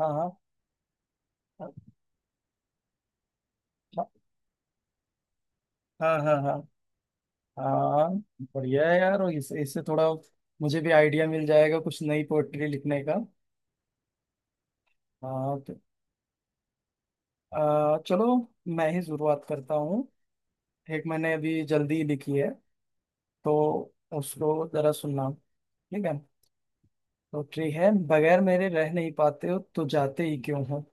हाँ हाँ हाँ हाँ हाँ हाँ। बढ़िया है यार। और इस, इससे थोड़ा मुझे भी आइडिया मिल जाएगा कुछ नई पोएट्री लिखने का। हाँ, तो चलो, मैं ही शुरुआत करता हूँ। एक मैंने अभी जल्दी ही लिखी है, तो उसको जरा सुनना, ठीक है? पोएट्री है। बगैर मेरे रह नहीं पाते हो तो जाते ही क्यों हो?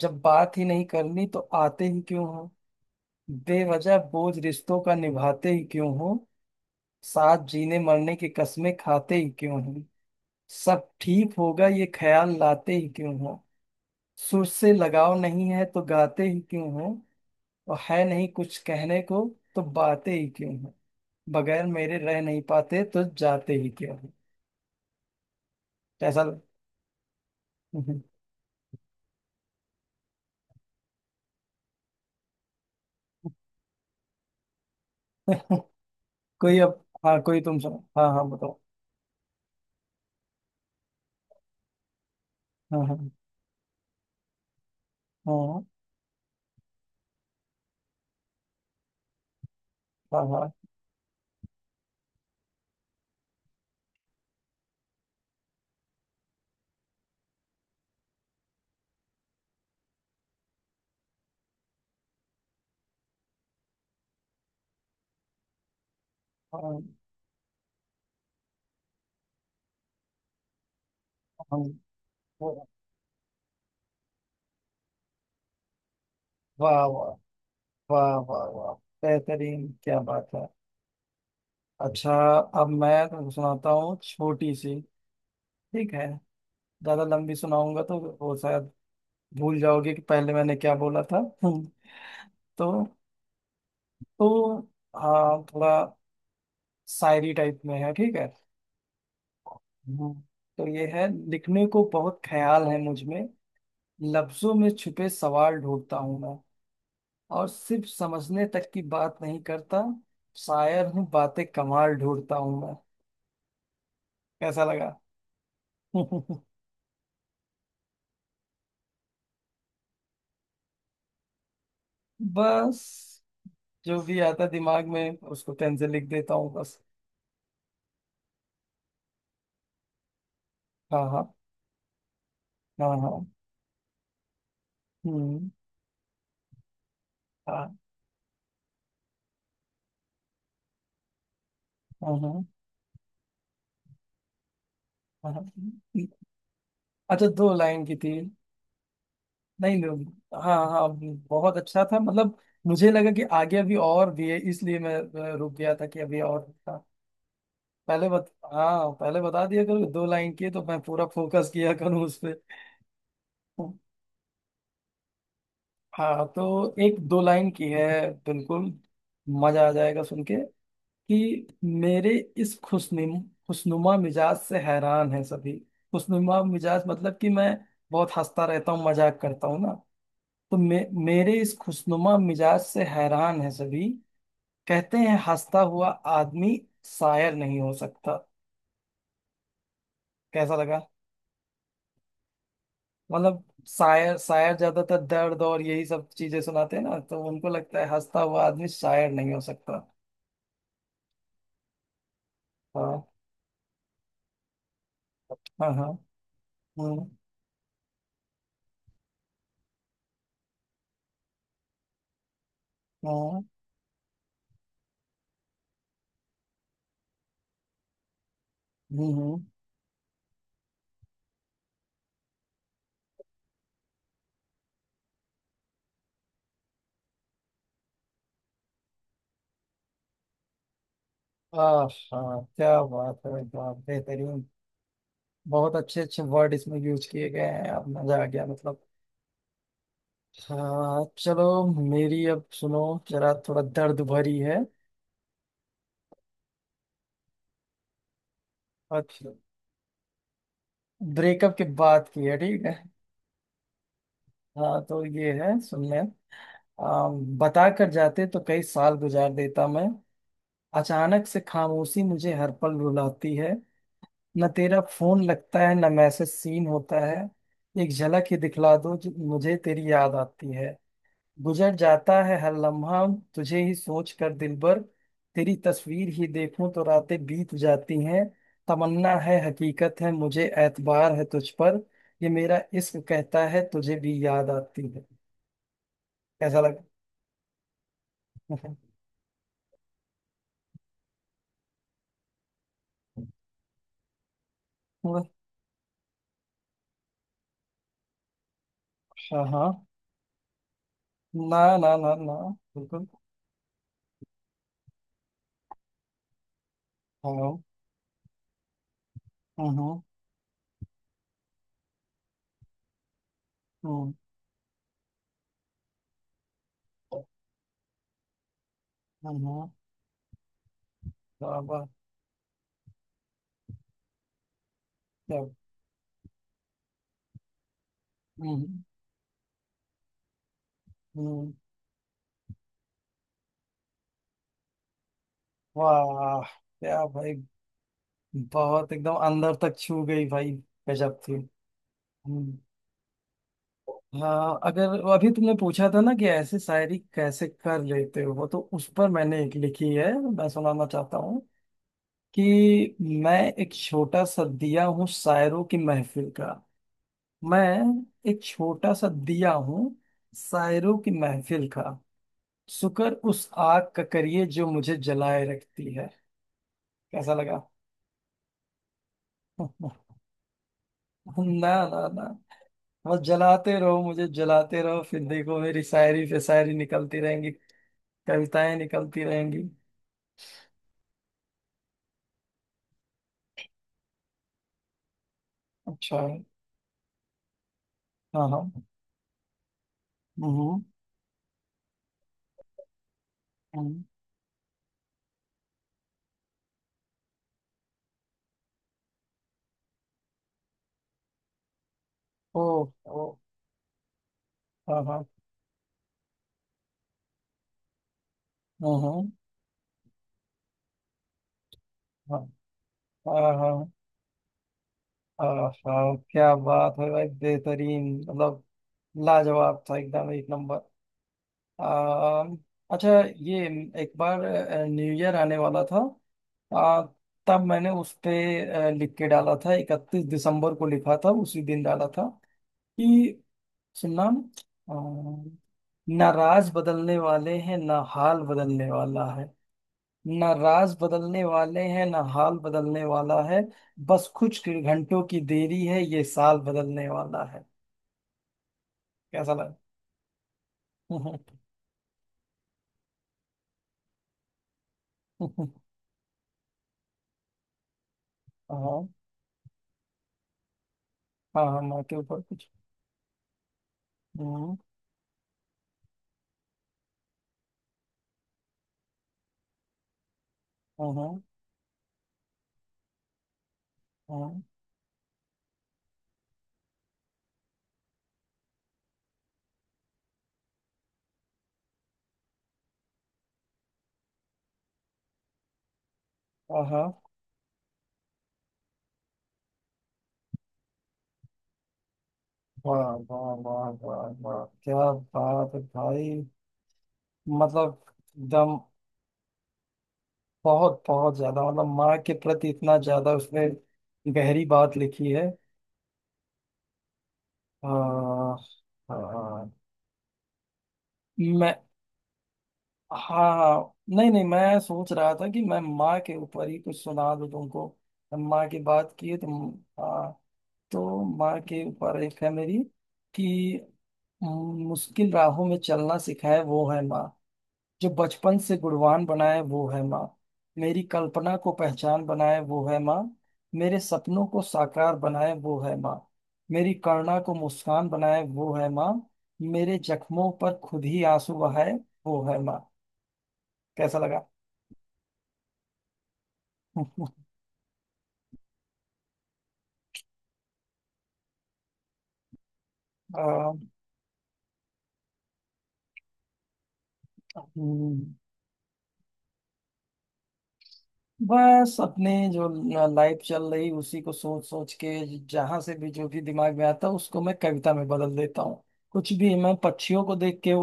जब बात ही नहीं करनी तो आते ही क्यों हो? बेवजह बोझ रिश्तों का निभाते ही क्यों हो? साथ जीने मरने की कस्में खाते ही क्यों हो? सब ठीक होगा ये ख्याल लाते ही क्यों हो? सुर से लगाव नहीं है तो गाते ही क्यों हो? और है नहीं कुछ कहने को, तो बातें ही क्यों हो? बगैर मेरे रह नहीं पाते तो जाते ही क्यों हो? ऐसा। कोई अब, हाँ, कोई तुम सुनो, हाँ हाँ, बताओ। हाँ हाँ हाँ हाँ हाँ हाँ, हाँ, हाँ, हाँ, वाह वाह वाह वाह वाह। बेहतरीन, क्या बात है। अच्छा, अब मैं तुमको सुनाता हूँ, छोटी सी। ठीक है। ज्यादा लंबी सुनाऊंगा तो वो शायद भूल जाओगे कि पहले मैंने क्या बोला था। हम्म, तो तो हाँ, थोड़ा शायरी टाइप में है, ठीक है। हम्म। तो ये है — लिखने को बहुत ख्याल है मुझ में, लफ्जों में छुपे सवाल ढूंढता हूँ मैं, और सिर्फ समझने तक की बात नहीं करता, शायर हूँ बातें कमाल ढूंढता हूँ मैं। कैसा लगा? बस जो भी आता दिमाग में उसको पेन से लिख देता हूँ, बस। हाँ हाँ हाँ हाँ हम्म हाँ। हाँ हाँ, अच्छा, दो लाइन की थी। नहीं नहीं, हाँ हाँ, बहुत अच्छा था, मतलब मुझे लगा कि आगे अभी और भी है, इसलिए मैं रुक गया था कि अभी और था। पहले बत हाँ, पहले बता दिया करो कि दो लाइन की है, तो मैं पूरा फोकस किया करूँ उस पे। हाँ, तो एक दो लाइन की है, बिल्कुल मजा आ जाएगा सुन के। कि मेरे इस खुशनुमा मिजाज से हैरान है सभी। खुशनुमा मिजाज मतलब कि मैं बहुत हंसता रहता हूँ, मजाक करता हूँ ना, तो मेरे इस खुशनुमा मिजाज से हैरान है सभी, कहते हैं हंसता हुआ आदमी शायर नहीं हो सकता। कैसा लगा? मतलब शायर, शायर ज्यादातर दर्द और यही सब चीजें सुनाते हैं ना, तो उनको लगता है हंसता हुआ आदमी शायर नहीं हो सकता। हाँ हाँ हाँ हम्म हम्म हम्म हम्म। आहा, क्या बात है, क्या बेहतरीन। बहुत अच्छे अच्छे वर्ड इसमें यूज किए गए हैं, अब मजा आ गया, मतलब। हाँ चलो, मेरी अब सुनो, जरा थोड़ा दर्द भरी है, और ब्रेकअप की बात की है, ठीक है। हाँ, तो ये है, सुनने — आ, बता कर जाते तो कई साल गुजार देता मैं, अचानक से खामोशी मुझे हर पल रुलाती है। न तेरा फोन लगता है न मैसेज सीन होता है, एक झलक ही दिखला दो जो मुझे तेरी याद आती है। गुजर जाता है हर लम्हा तुझे ही सोच कर दिल भर, तेरी तस्वीर ही देखूं तो रातें बीत जाती हैं। तमन्ना है हकीकत है मुझे एतबार है तुझ पर, ये मेरा इश्क कहता है तुझे भी याद आती है। कैसा लगा? वाह, हाँ हाँ, ना ना ना ना, बिल्कुल। हाँ हाँ। हम्म हम्म हम्म वाह वाह, क्या। हम्म हम्म, वाह, क्या भाई, बहुत एकदम अंदर तक छू गई भाई, गजब थी। हम्म। हाँ, अगर वो अभी तुमने पूछा था ना कि ऐसे शायरी कैसे कर लेते हो, तो उस पर मैंने एक लिखी है, मैं सुनाना चाहता हूँ। कि मैं एक छोटा सा दिया हूँ शायरों की महफिल का, मैं एक छोटा सा दिया हूँ शायरों की महफिल का, शुक्र उस आग का करिए जो मुझे जलाए रखती है। कैसा लगा? ना ना ना, बस जलाते रहो, मुझे जलाते रहो, फिर देखो मेरी शायरी पे शायरी निकलती रहेंगी, कविताएं निकलती रहेंगी। अच्छा है। हाँ हाँ हम्म हम्म, ओ, ओ, हाँ हाँ हम्म हाँ हाँ हाँ हाँ हाँ, क्या बात है भाई, बेहतरीन, मतलब लाजवाब था, एकदम एक नंबर। अम, अच्छा, ये एक बार न्यू ईयर आने वाला था, आ, तब मैंने उस पे लिख के डाला था, 31 दिसंबर को लिखा था, उसी दिन डाला था, कि सुनना — अम, ना राज बदलने वाले हैं ना हाल बदलने वाला है, ना राज बदलने वाले हैं ना हाल बदलने वाला है, बस कुछ घंटों की देरी है ये साल बदलने वाला है। कैसा लगा? हाँ हाँ, हाँ माँ के ऊपर कुछ। हम्म, हम्म, हम्म, आहा, वाह वाह वाह वाह वाह, क्या बात है भाई, मतलब एकदम, बहुत बहुत ज्यादा मतलब माँ के प्रति इतना ज्यादा उसने गहरी बात लिखी है। हाँ हाँ। मैं हाँ नहीं नहीं, मैं सोच रहा था कि मैं माँ के ऊपर ही कुछ सुना दूं तुमको। हम माँ की बात की है तुम, हाँ, तो माँ के ऊपर एक है मेरी। कि मुश्किल राहों में चलना सिखाए वो है माँ, जो बचपन से गुणवान बनाए वो है माँ, मेरी कल्पना को पहचान बनाए वो है माँ, मेरे सपनों को साकार बनाए वो है माँ, मेरी करुणा को मुस्कान बनाए वो है माँ, मेरे जख्मों पर खुद ही आंसू बहाए वो है माँ। कैसा लगा? आ, हम्म, बस अपने जो लाइफ चल रही उसी को सोच सोच के, जहां से भी जो भी दिमाग में आता है उसको मैं कविता में बदल देता हूँ। कुछ भी, मैं पक्षियों को देख के,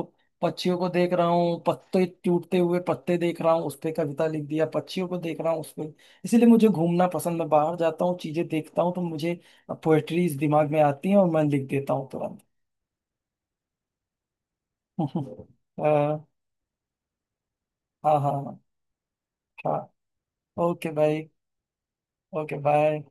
पक्षियों को देख रहा हूँ, पत्ते, टूटते हुए पत्ते देख रहा हूँ उस पे कविता लिख दिया, पक्षियों को देख रहा हूँ उस पे। इसलिए मुझे घूमना पसंद, मैं बाहर जाता हूँ, चीजें देखता हूँ तो मुझे पोएट्री दिमाग में आती है और मैं लिख देता हूँ तुरंत। हाँ हाँ हाँ, ओके भाई, ओके बाय।